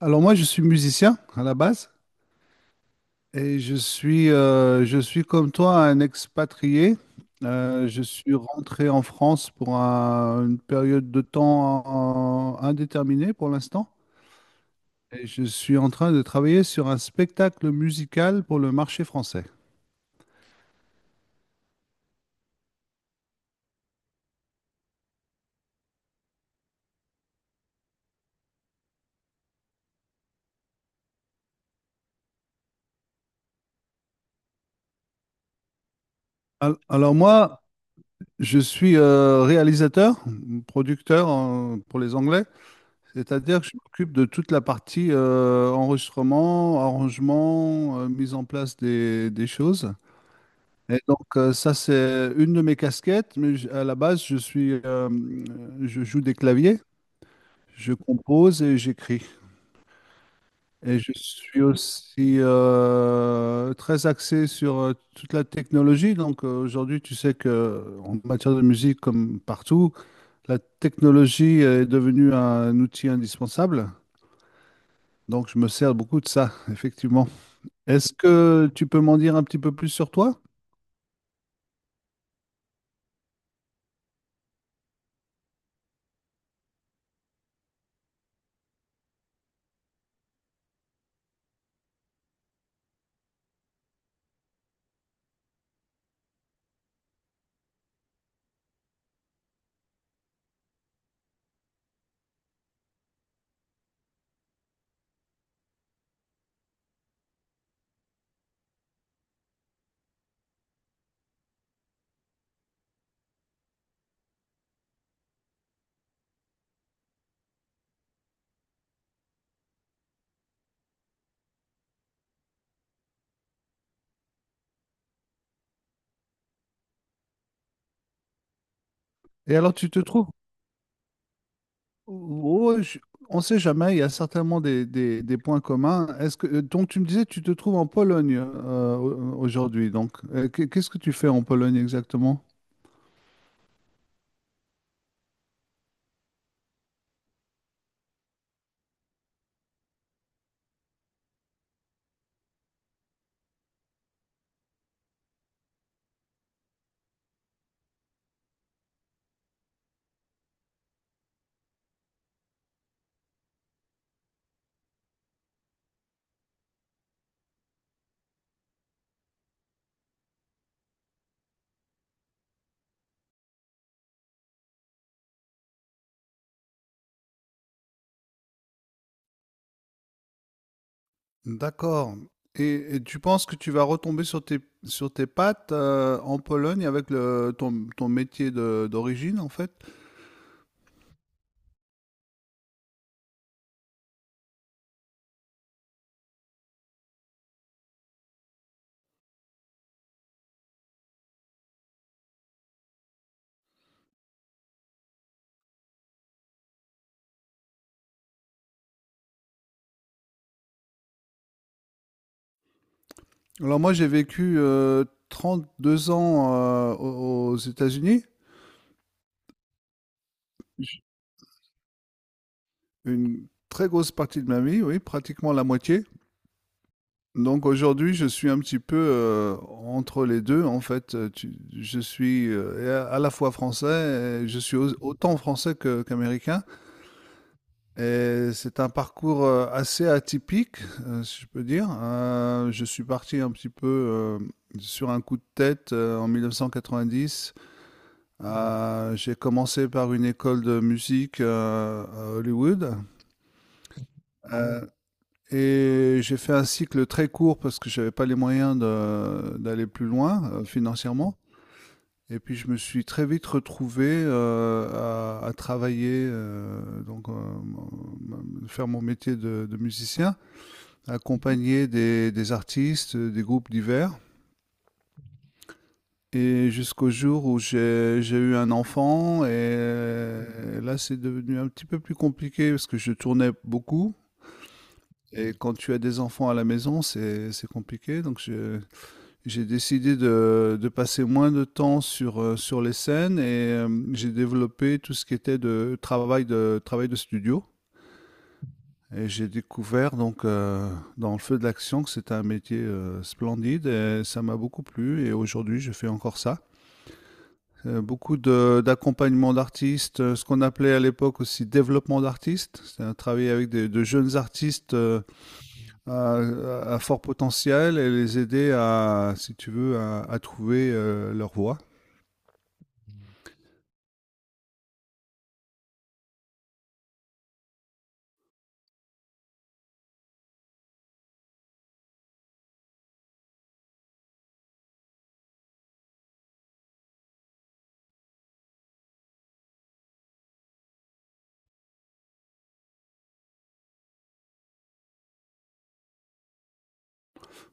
Alors moi, je suis musicien à la base et je suis comme toi un expatrié. Je suis rentré en France pour une période de temps indéterminée pour l'instant, et je suis en train de travailler sur un spectacle musical pour le marché français. Alors moi, je suis réalisateur, producteur pour les Anglais. C'est-à-dire que je m'occupe de toute la partie enregistrement, arrangement, mise en place des choses. Et donc ça, c'est une de mes casquettes, mais à la base, je joue des claviers, je compose et j'écris. Et je suis aussi très axé sur toute la technologie. Donc aujourd'hui, tu sais que en matière de musique, comme partout, la technologie est devenue un outil indispensable. Donc je me sers beaucoup de ça, effectivement. Est-ce que tu peux m'en dire un petit peu plus sur toi? Et alors tu te trouves. Oh, on ne sait jamais, il y a certainement des points communs. Donc tu me disais, tu te trouves en Pologne aujourd'hui. Donc qu'est-ce que tu fais en Pologne exactement? D'accord. Et tu penses que tu vas retomber sur tes pattes en Pologne avec ton métier d'origine, en fait? Alors moi, j'ai vécu 2 ans aux États-Unis, une très grosse partie de ma vie, oui, pratiquement la moitié. Donc aujourd'hui, je suis un petit peu entre les deux. En fait, je suis à la fois français, et je suis autant français qu'américain. Et c'est un parcours assez atypique, si je peux dire. Je suis parti un petit peu sur un coup de tête en 1990. J'ai commencé par une école de musique à Hollywood euh, et j'ai fait un cycle très court parce que j'avais pas les moyens d'aller plus loin financièrement. Et puis je me suis très vite retrouvé à travailler, donc faire mon métier de musicien, accompagner des artistes, des groupes divers. Et jusqu'au jour où j'ai eu un enfant, et là c'est devenu un petit peu plus compliqué parce que je tournais beaucoup. Et quand tu as des enfants à la maison, c'est compliqué. Donc j'ai décidé de passer moins de temps sur les scènes et j'ai développé tout ce qui était de travail de, studio. Et j'ai découvert donc dans le feu de l'action que c'était un métier splendide, et ça m'a beaucoup plu, et aujourd'hui je fais encore ça. Beaucoup d'accompagnement d'artistes, ce qu'on appelait à l'époque aussi développement d'artistes, c'est-à-dire travailler avec de jeunes artistes à fort potentiel et les aider à, si tu veux, à trouver leur voie.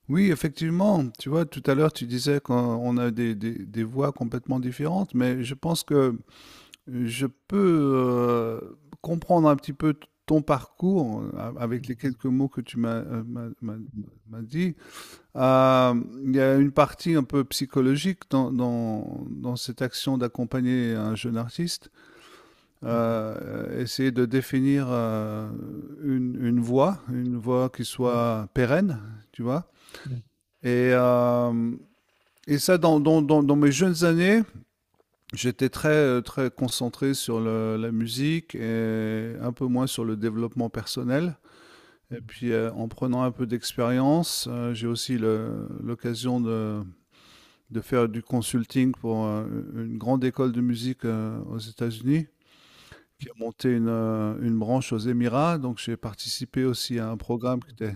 Oui, effectivement. Tu vois, tout à l'heure, tu disais qu'on on a des voix complètement différentes, mais je pense que je peux, comprendre un petit peu t ton parcours, a avec les quelques mots que tu m'as dit. Il y a une partie un peu psychologique dans cette action d'accompagner un jeune artiste. Mmh mh. Essayer de définir, une voie, une voie, qui soit pérenne, tu vois? Mmh. Et hem et ça, dans mes jeunes années, j'étais très, très concentré sur la musique et un peu moins sur le développement personnel. Et puis, en prenant un peu d'expérience, j'ai aussi l'occasion de faire du consulting pour une grande école de musique aux États-Unis qui a monté une branche aux Émirats. Donc, j'ai participé aussi à un programme qui était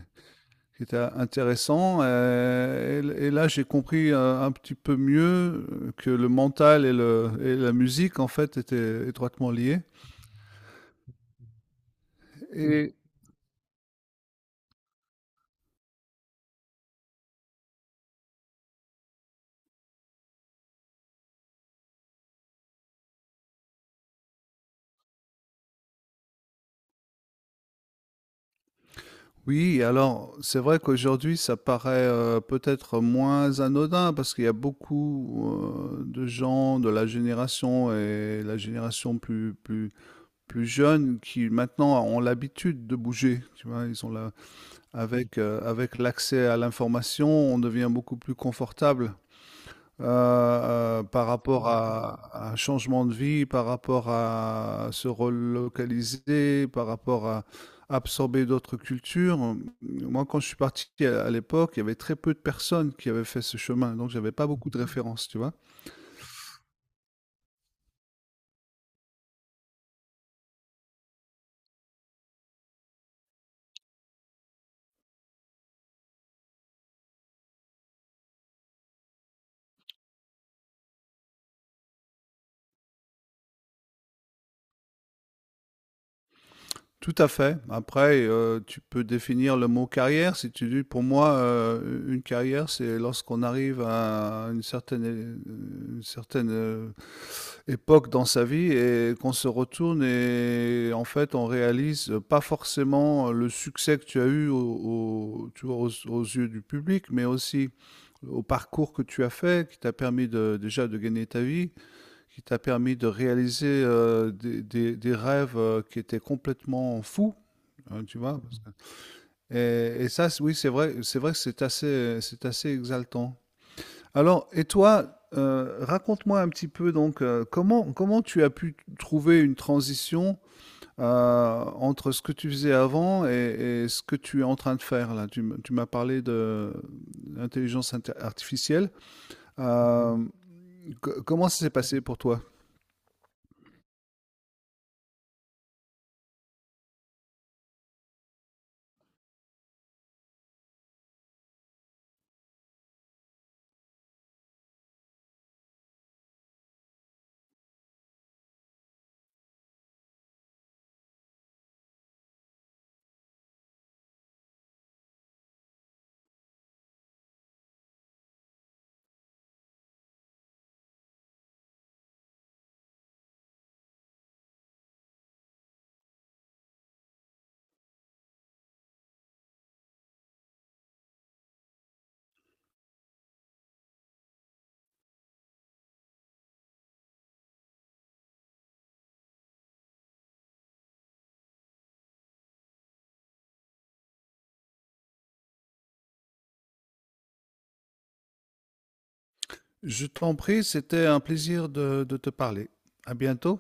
qui était intéressant. Et là, j'ai compris un petit peu mieux que le mental et la musique, en fait, étaient étroitement liés. Et oui, alors, c'est vrai qu'aujourd'hui, ça paraît peut-être moins anodin parce qu'il y a beaucoup de gens de la génération et la génération plus jeune qui maintenant ont l'habitude de bouger. Tu vois, ils ont la, avec l'accès à l'information, on devient beaucoup plus confortable par rapport à un changement de vie, par rapport à se relocaliser, par rapport à absorber d'autres cultures. Moi, quand je suis parti à l'époque, il y avait très peu de personnes qui avaient fait ce chemin, donc j'avais pas beaucoup de références, tu vois. Tout à fait. Après, tu peux définir le mot carrière. Si tu dis, pour moi, une carrière, c'est lorsqu'on arrive à une certaine, époque dans sa vie et qu'on se retourne et en fait on réalise pas forcément le succès que tu as eu tu vois, aux yeux du public, mais aussi au parcours que tu as fait, qui t'a permis déjà de gagner ta vie, qui t'a permis de réaliser des rêves qui étaient complètement fous, hein, tu vois. Et ça, oui, c'est vrai que c'est assez exaltant. Alors, et toi, raconte-moi un petit peu donc comment tu as pu trouver une transition euh, entre ce que tu faisais avant et ce que tu es en train de faire là. Tu m'as parlé de l'intelligence artificielle. Euh, Comment ça s'est passé pour toi? Je t'en prie, c'était un plaisir de te parler. À bientôt.